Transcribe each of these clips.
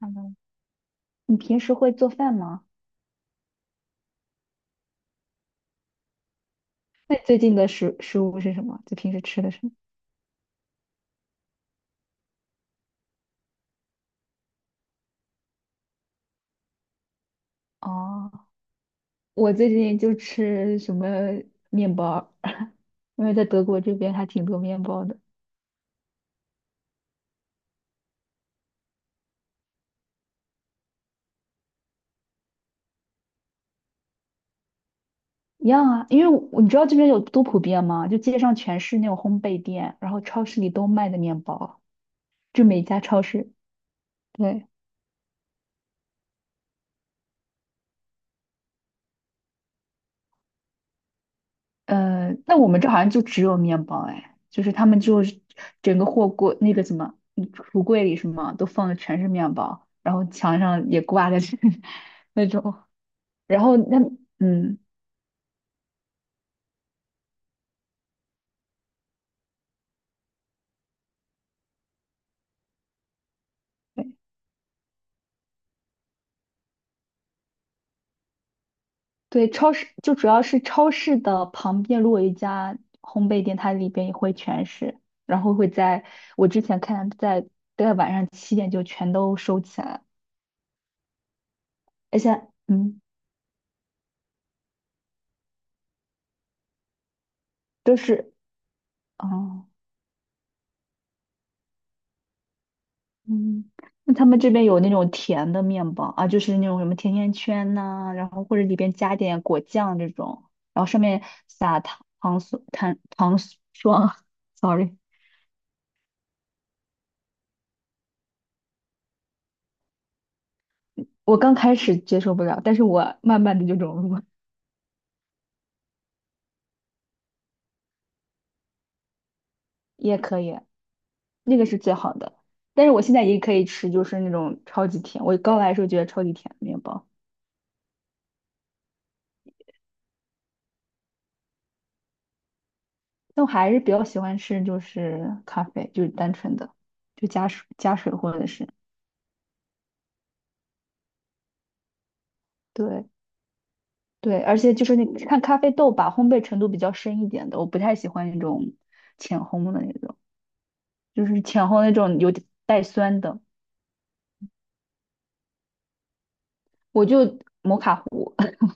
嗯，你平时会做饭吗？那你最近的食物是什么？就平时吃的什么？哦，我最近就吃什么面包儿 因为在德国这边还挺多面包的。一样啊，因为你知道这边有多普遍吗？就街上全是那种烘焙店，然后超市里都卖的面包，就每家超市。对。那我们这好像就只有面包哎，就是他们就是整个货柜那个什么橱柜里什么都放的全是面包，然后墙上也挂的是 那种，然后嗯对对，超市就主要是超市的旁边如果有一家烘焙店，它里边也会全是，然后会在我之前看在晚上七点就全都收起来了而且嗯都是哦。嗯，那他们这边有那种甜的面包啊，就是那种什么甜甜圈呐、然后或者里边加点果酱这种，然后上面撒糖糖霜糖糖霜 ，sorry,我刚开始接受不了，但是我慢慢的就融入了，也可以，那个是最好的。但是我现在也可以吃，就是那种超级甜，我刚来的时候觉得超级甜的面包，但我还是比较喜欢吃就是咖啡，就是单纯的，就加水或者是对。对，而且就是那看咖啡豆吧，烘焙程度比较深一点的，我不太喜欢那种浅烘的那种，就是浅烘那种有点带酸的。我就摩卡壶，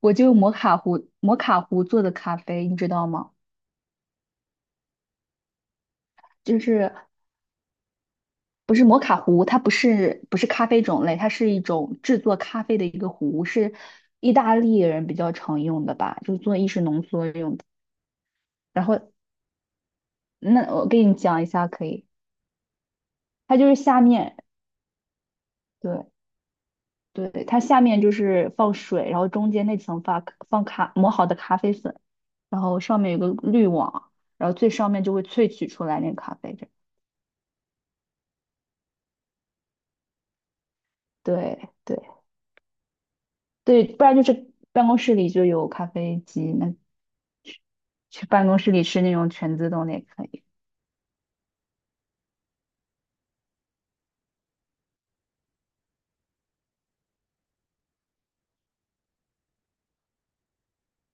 我就用摩卡壶，摩卡壶做的咖啡，你知道吗？就是不是摩卡壶，它不是咖啡种类，它是一种制作咖啡的一个壶，是意大利人比较常用的吧，就是做意式浓缩用的。那我给你讲一下可以，它就是下面对。对，它下面就是放水，然后中间那层发放咖磨好的咖啡粉，然后上面有个滤网，然后最上面就会萃取出来那个咖啡这样对对对，不然就是办公室里就有咖啡机，那去办公室里吃那种全自动的也可以。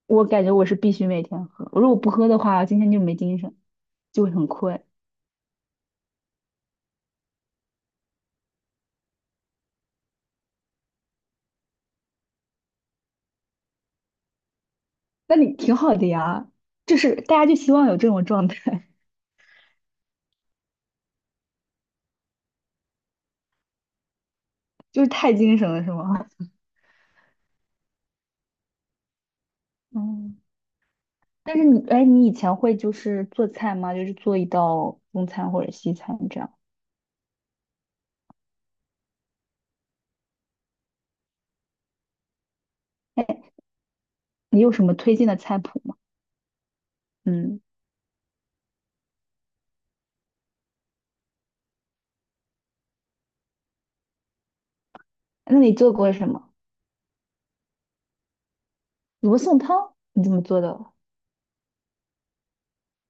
我感觉我是必须每天喝，如果不喝的话，今天就没精神，就会很困。那你挺好的呀，就是大家就希望有这种状态，就是太精神了，是吗？嗯。但是你，哎，你以前会就是做菜吗？就是做一道中餐或者西餐这样。哎，你有什么推荐的菜谱吗？嗯，那你做过什么？罗宋汤你怎么做的？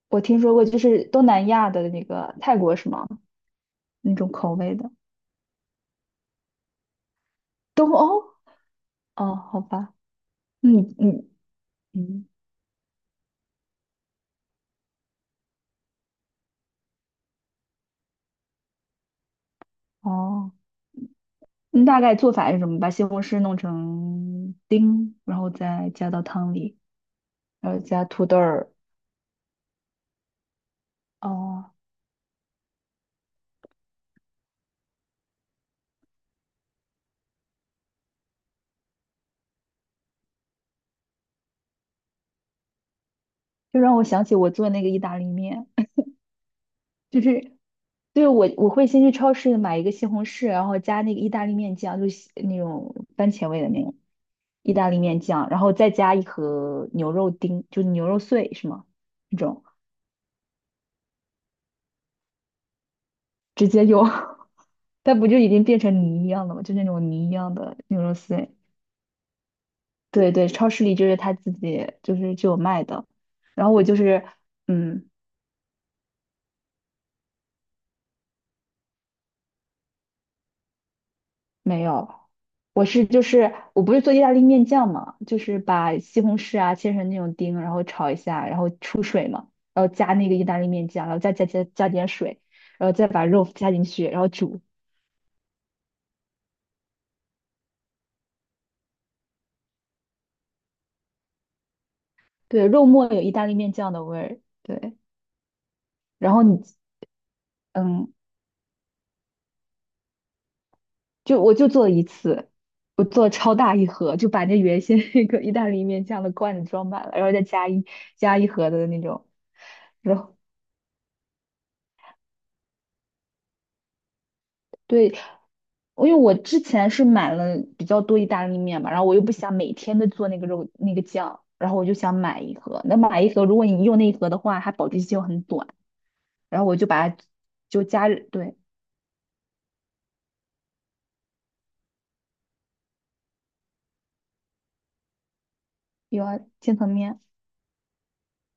我听说过，就是东南亚的那个泰国是吗？那种口味的东欧？哦，好吧，那你你嗯，哦，你大概做法是什么？把西红柿弄成丁，然后再加到汤里，然后加土豆儿。哦，就让我想起我做那个意大利面。就是。对，我会先去超市买一个西红柿，然后加那个意大利面酱，就是那种番茄味的那种意大利面酱，然后再加一盒牛肉丁，就牛肉碎是吗？那种直接就，它不就已经变成泥一样的吗？就那种泥一样的牛肉碎。对对，超市里就是他自己就是就有卖的，然后我就是嗯没有。我不是做意大利面酱嘛，就是把西红柿啊切成那种丁，然后炒一下，然后出水嘛，然后加那个意大利面酱，然后再加点水，然后再把肉加进去，然后煮。对，肉末有意大利面酱的味儿。对，然后你嗯，就我就做了一次，我做超大一盒，就把那原先 那个意大利面酱的罐子装满了，然后再加一盒的那种，然后对，因为我之前是买了比较多意大利面嘛，然后我又不想每天都做那个肉那个酱，然后我就想买一盒。那买一盒，如果你用那一盒的话，它保质期又很短，然后我就把它就加热，对，有啊，千层面。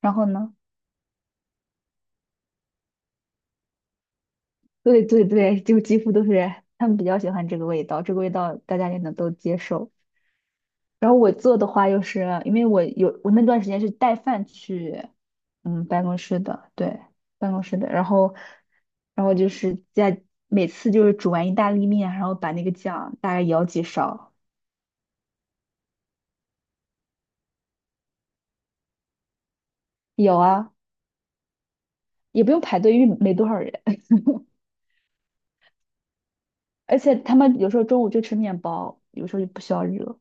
然后呢，对对对，就几乎都是他们比较喜欢这个味道，这个味道大家也能都接受。然后我做的话，又是因为我那段时间是带饭去。嗯，办公室的，对，办公室的。然后就是在每次就是煮完意大利面，然后把那个酱大概舀几勺，有啊，也不用排队，因为没多少人。而且他们有时候中午就吃面包，有时候就不需要热。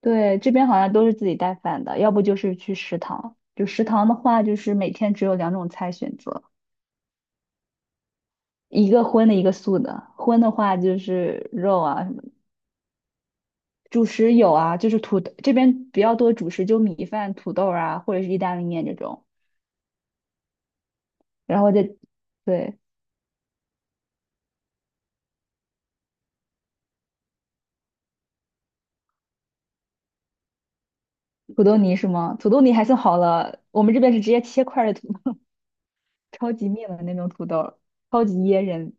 对，这边好像都是自己带饭的，要不就是去食堂。就食堂的话，就是每天只有两种菜选择，一个荤的，一个素的。荤的话就是肉啊，什么。主食有啊，就是土豆这边比较多主食，就米饭、土豆啊，或者是意大利面这种。然后再对，土豆泥是吗？土豆泥还算好了，我们这边是直接切块儿的土，超级面的那种土豆，超级噎人。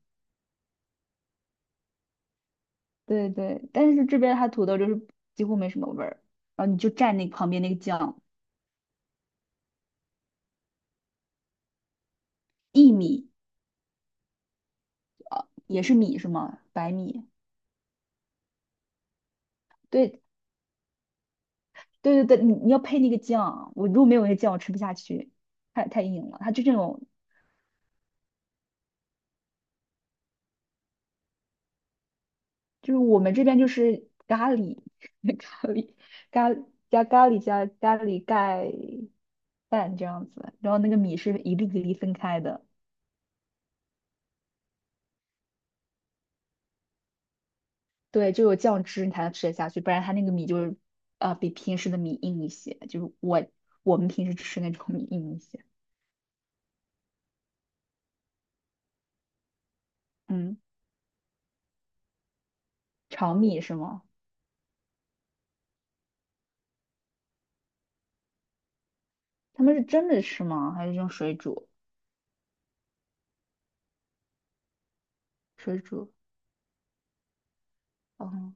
对对，但是这边它土豆就是几乎没什么味儿，然后你就蘸那个旁边那个酱，薏米也是米是吗？白米。对对对对，你要配那个酱，我如果没有那个酱，我吃不下去，太硬了。它就这种就是我们这边就是咖喱，咖喱，咖加咖喱盖饭这样子，然后那个米是一粒一粒分开的，对，就有酱汁你才能吃得下去，不然它那个米就是比平时的米硬一些，就是我们平时吃那种米硬一些，嗯，炒米是吗？他们是蒸着吃吗？还是用水煮？水煮，哦。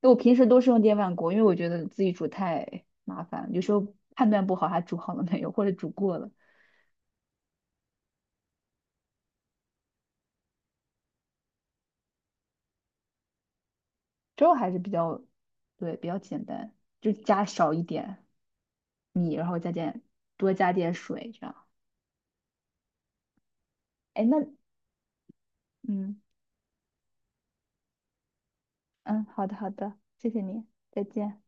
那我平时都是用电饭锅，因为我觉得自己煮太麻烦，有时候判断不好它煮好了没有，或者煮过了。粥还是比较，对，比较简单，就加少一点米，然后多加点水这样。哎，那嗯嗯，好的好的，谢谢你，再见。